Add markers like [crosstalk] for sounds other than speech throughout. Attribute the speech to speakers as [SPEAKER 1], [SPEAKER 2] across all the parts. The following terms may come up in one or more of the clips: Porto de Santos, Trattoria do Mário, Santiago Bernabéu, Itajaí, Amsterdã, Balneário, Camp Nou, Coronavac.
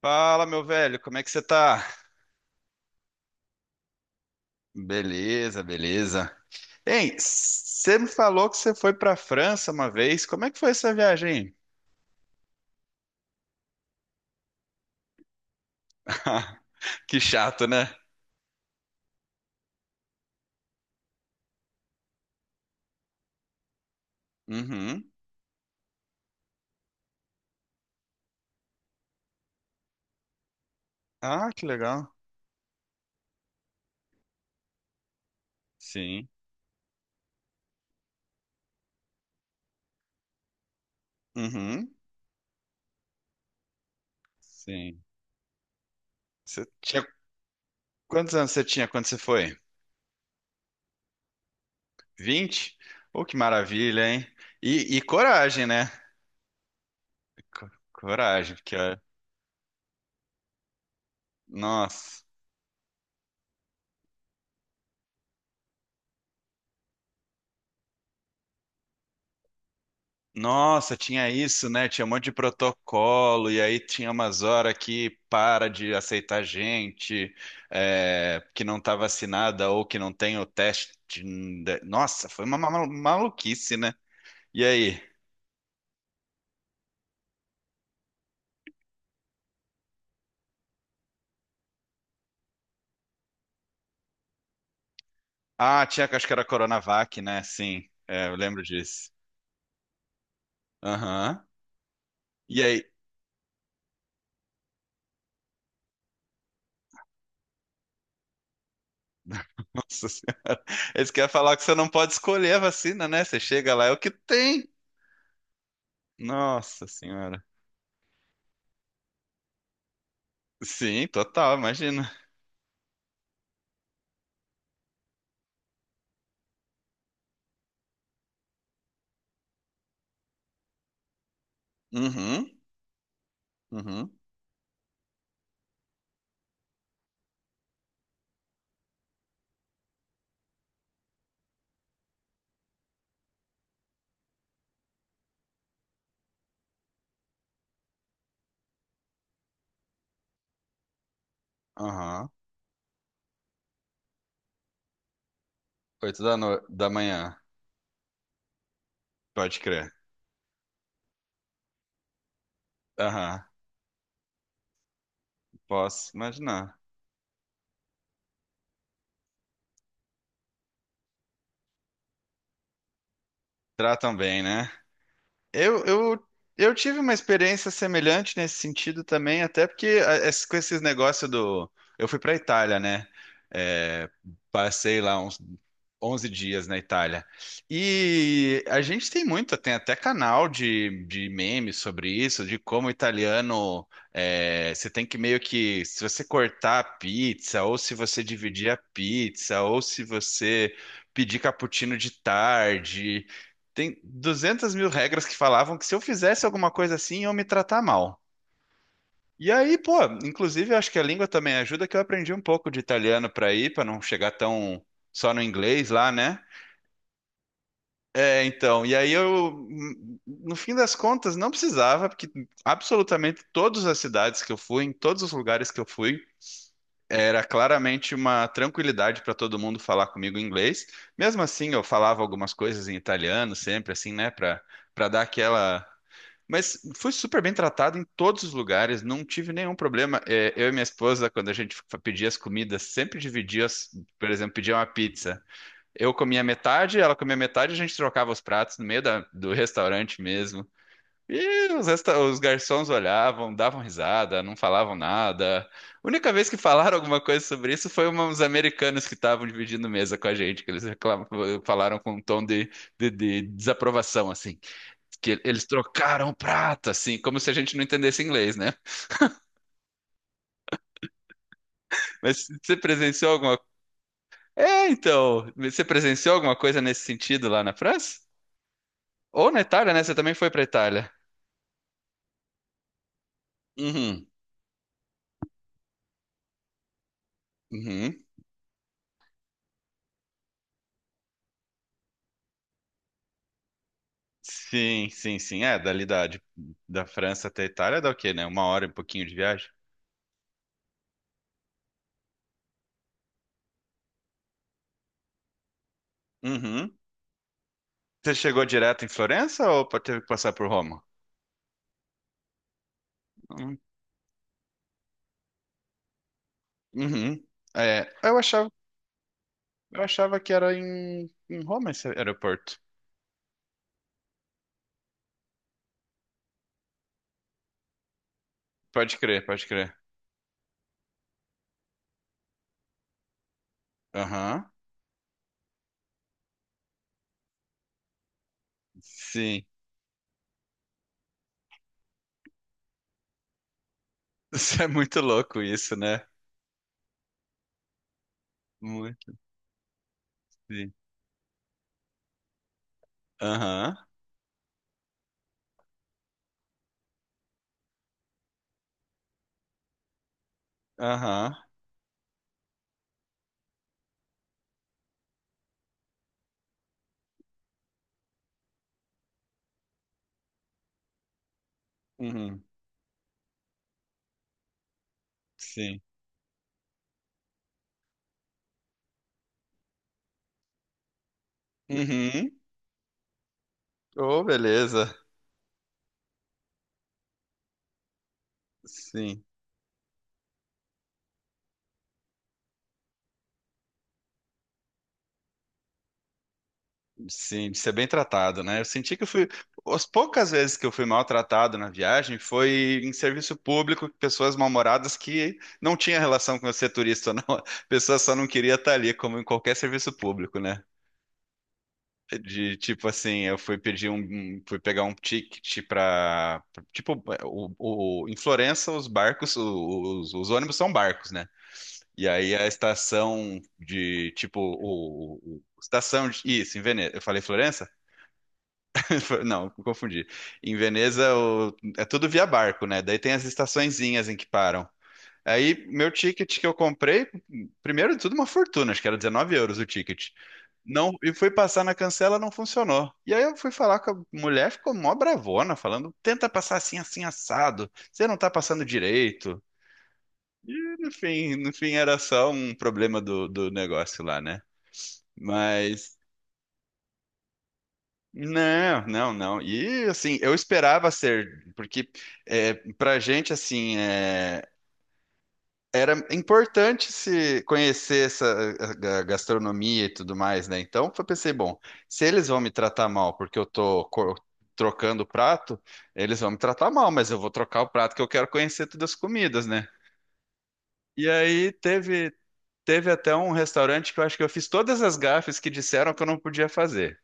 [SPEAKER 1] Fala, meu velho, como é que você tá? Beleza, beleza. Hein, você me falou que você foi pra França uma vez. Como é que foi essa viagem? [laughs] Que chato, né? Uhum. Ah, que legal. Sim. Uhum. Sim. Você tinha Quantos anos você tinha quando você foi? 20? Oh, que maravilha, hein? E coragem, né? Coragem, porque ó, nossa. Nossa, tinha isso, né? Tinha um monte de protocolo, e aí tinha umas horas que para de aceitar gente que não tá vacinada ou que não tem o teste. Nossa, foi uma maluquice, né? E aí? Ah, tinha que acho que era Coronavac, né? Sim, é, eu lembro disso. Aham. E aí? [laughs] Nossa Senhora. Eles querem falar que você não pode escolher a vacina, né? Você chega lá, é o que tem. Nossa Senhora. Sim, total, imagina. Uhum, uhum. Aham. Oito da, no... da manhã. Pode crer. Aham. Posso imaginar. Tratam bem, né? Eu, eu, eu tive uma experiência semelhante nesse sentido também, até porque com esses negócios do. Eu fui para Itália, né? É, passei lá uns 11 dias na Itália. E a gente tem muito, tem até canal de memes sobre isso, de como o italiano. É, você tem que meio que. Se você cortar a pizza, ou se você dividir a pizza, ou se você pedir cappuccino de tarde. Tem 200 mil regras que falavam que se eu fizesse alguma coisa assim, iam me tratar mal. E aí, pô, inclusive eu acho que a língua também ajuda, que eu aprendi um pouco de italiano para ir, para não chegar tão só no inglês lá, né? É, então, e aí eu, no fim das contas, não precisava, porque absolutamente todas as cidades que eu fui, em todos os lugares que eu fui, era claramente uma tranquilidade para todo mundo falar comigo em inglês. Mesmo assim, eu falava algumas coisas em italiano sempre, assim, né, para dar aquela. Mas fui super bem tratado em todos os lugares, não tive nenhum problema. É, eu e minha esposa, quando a gente pedia as comidas, sempre dividia, por exemplo, pedia uma pizza. Eu comia metade, ela comia metade, a gente trocava os pratos no meio do restaurante mesmo. E os, os garçons olhavam, davam risada, não falavam nada. A única vez que falaram alguma coisa sobre isso foi uns americanos que estavam dividindo mesa com a gente, que eles falaram com um tom de de desaprovação, assim, que eles trocaram prata, assim, como se a gente não entendesse inglês, né? Mas você presenciou alguma... É, então, você presenciou alguma coisa nesse sentido lá na França? Ou na Itália, né? Você também foi para Itália. Uhum, uhum. Sim, sim, sim. É, da França até a Itália dá o quê, né? Uma hora e um pouquinho de viagem. Uhum. Você chegou direto em Florença ou teve que passar por Roma? Uhum. Uhum. É, eu achava, eu achava que era em Roma esse aeroporto. Pode crer, pode crer. Aham. Sim. [laughs] Isso é muito louco isso, né? Muito, sim. Aham, aham, uhum, sim. Uhum. Oh, beleza. Sim, sim, de ser bem tratado, né? Eu senti que eu fui. As poucas vezes que eu fui maltratado na viagem foi em serviço público, pessoas mal-humoradas que não tinha relação com eu ser turista, [laughs] ou não. A pessoa só não queria estar ali, como em qualquer serviço público, né? De tipo assim, eu fui pedir fui pegar um ticket tipo, em Florença os barcos, os ônibus são barcos, né? E aí a estação de tipo estação de, isso, em Veneza. Eu falei Florença? [laughs] Não, confundi. Em Veneza é tudo via barco, né? Daí tem as estaçõezinhas em que param. Aí, meu ticket que eu comprei, primeiro de tudo, uma fortuna, acho que era 19 € o ticket. Não, e fui passar na cancela, não funcionou. E aí eu fui falar com a mulher, ficou mó bravona, falando: tenta passar assim, assim, assado, você não tá passando direito. E no fim, no fim era só um problema do negócio lá, né? Mas. Não, não, não. E assim, eu esperava ser, porque é, pra gente, assim, é, era importante se conhecer essa a gastronomia e tudo mais, né? Então, eu pensei, bom, se eles vão me tratar mal porque eu trocando o prato, eles vão me tratar mal, mas eu vou trocar o prato que eu quero conhecer todas as comidas, né? E aí teve até um restaurante que eu acho que eu fiz todas as gafes que disseram que eu não podia fazer.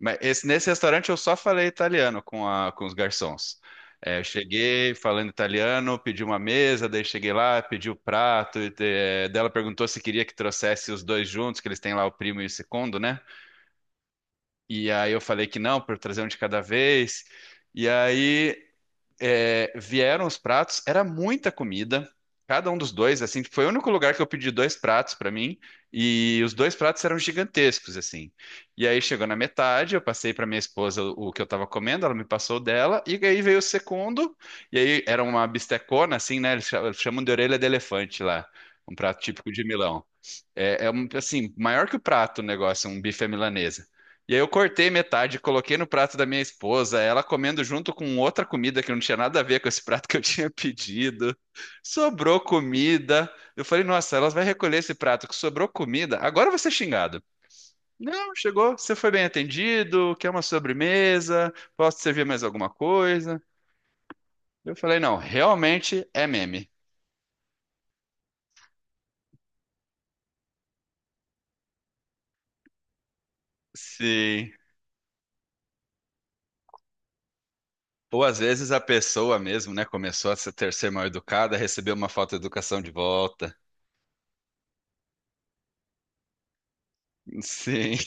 [SPEAKER 1] Mas nesse restaurante eu só falei italiano com, com os garçons. É, eu cheguei falando italiano, pedi uma mesa, daí cheguei lá, pedi o prato, e, daí ela perguntou se queria que trouxesse os dois juntos, que eles têm lá o primo e o segundo, né? E aí eu falei que não, para trazer um de cada vez. E aí é, vieram os pratos, era muita comida. Cada um dos dois, assim, foi o único lugar que eu pedi dois pratos para mim, e os dois pratos eram gigantescos, assim. E aí chegou na metade, eu passei para minha esposa o que eu tava comendo, ela me passou o dela, e aí veio o segundo, e aí era uma bistecona, assim, né? Eles chamam de orelha de elefante lá, um prato típico de Milão. É, é um, assim, maior que o prato o negócio, um bife à milanesa. E aí eu cortei metade, coloquei no prato da minha esposa, ela comendo junto com outra comida que não tinha nada a ver com esse prato que eu [laughs] tinha pedido. Sobrou comida. Eu falei, nossa, elas vai recolher esse prato que sobrou comida. Agora eu vou ser xingado. Não, chegou, você foi bem atendido, quer uma sobremesa, posso servir mais alguma coisa? Eu falei, não, realmente é meme. Sim. Ou às vezes a pessoa mesmo, né, começou a se ter ser mal educada, recebeu uma falta de educação de volta. [laughs] Sim,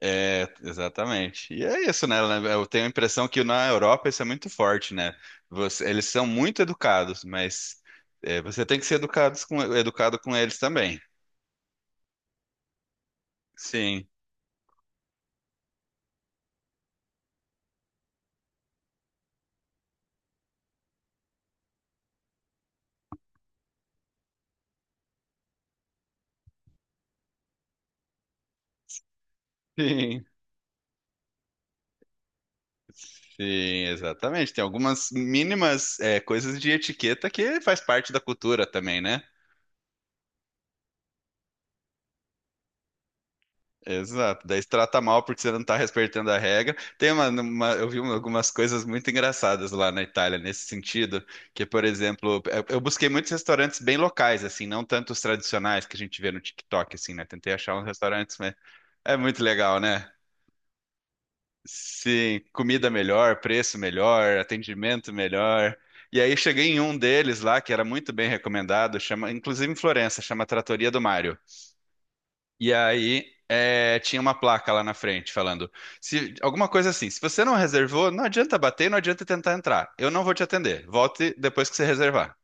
[SPEAKER 1] é, exatamente. E é isso, né? Eu tenho a impressão que na Europa isso é muito forte, né? Eles são muito educados, mas é, você tem que educado com eles também. Sim, sim, sim, exatamente. Tem algumas mínimas coisas de etiqueta que faz parte da cultura também, né? Exato, daí se trata mal porque você não está respeitando a regra. Tem eu vi algumas coisas muito engraçadas lá na Itália nesse sentido, que por exemplo, eu busquei muitos restaurantes bem locais assim, não tanto os tradicionais que a gente vê no TikTok assim, né? Tentei achar uns restaurantes, mas é muito legal, né? Sim, comida melhor, preço melhor, atendimento melhor. E aí cheguei em um deles lá que era muito bem recomendado, chama, inclusive em Florença, chama Trattoria do Mário. E aí é, tinha uma placa lá na frente falando, se alguma coisa assim, se você não reservou, não adianta bater, não adianta tentar entrar. Eu não vou te atender. Volte depois que você reservar.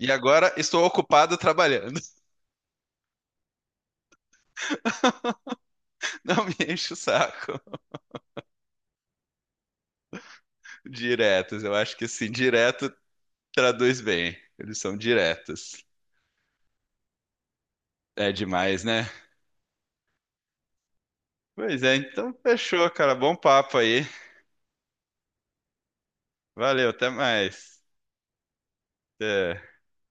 [SPEAKER 1] E agora estou ocupado trabalhando. [laughs] Não me enche o saco. Diretos, eu acho que assim, direto traduz bem. Eles são diretos. É demais, né? Pois é, então fechou, cara. Bom papo aí. Valeu, até mais. É.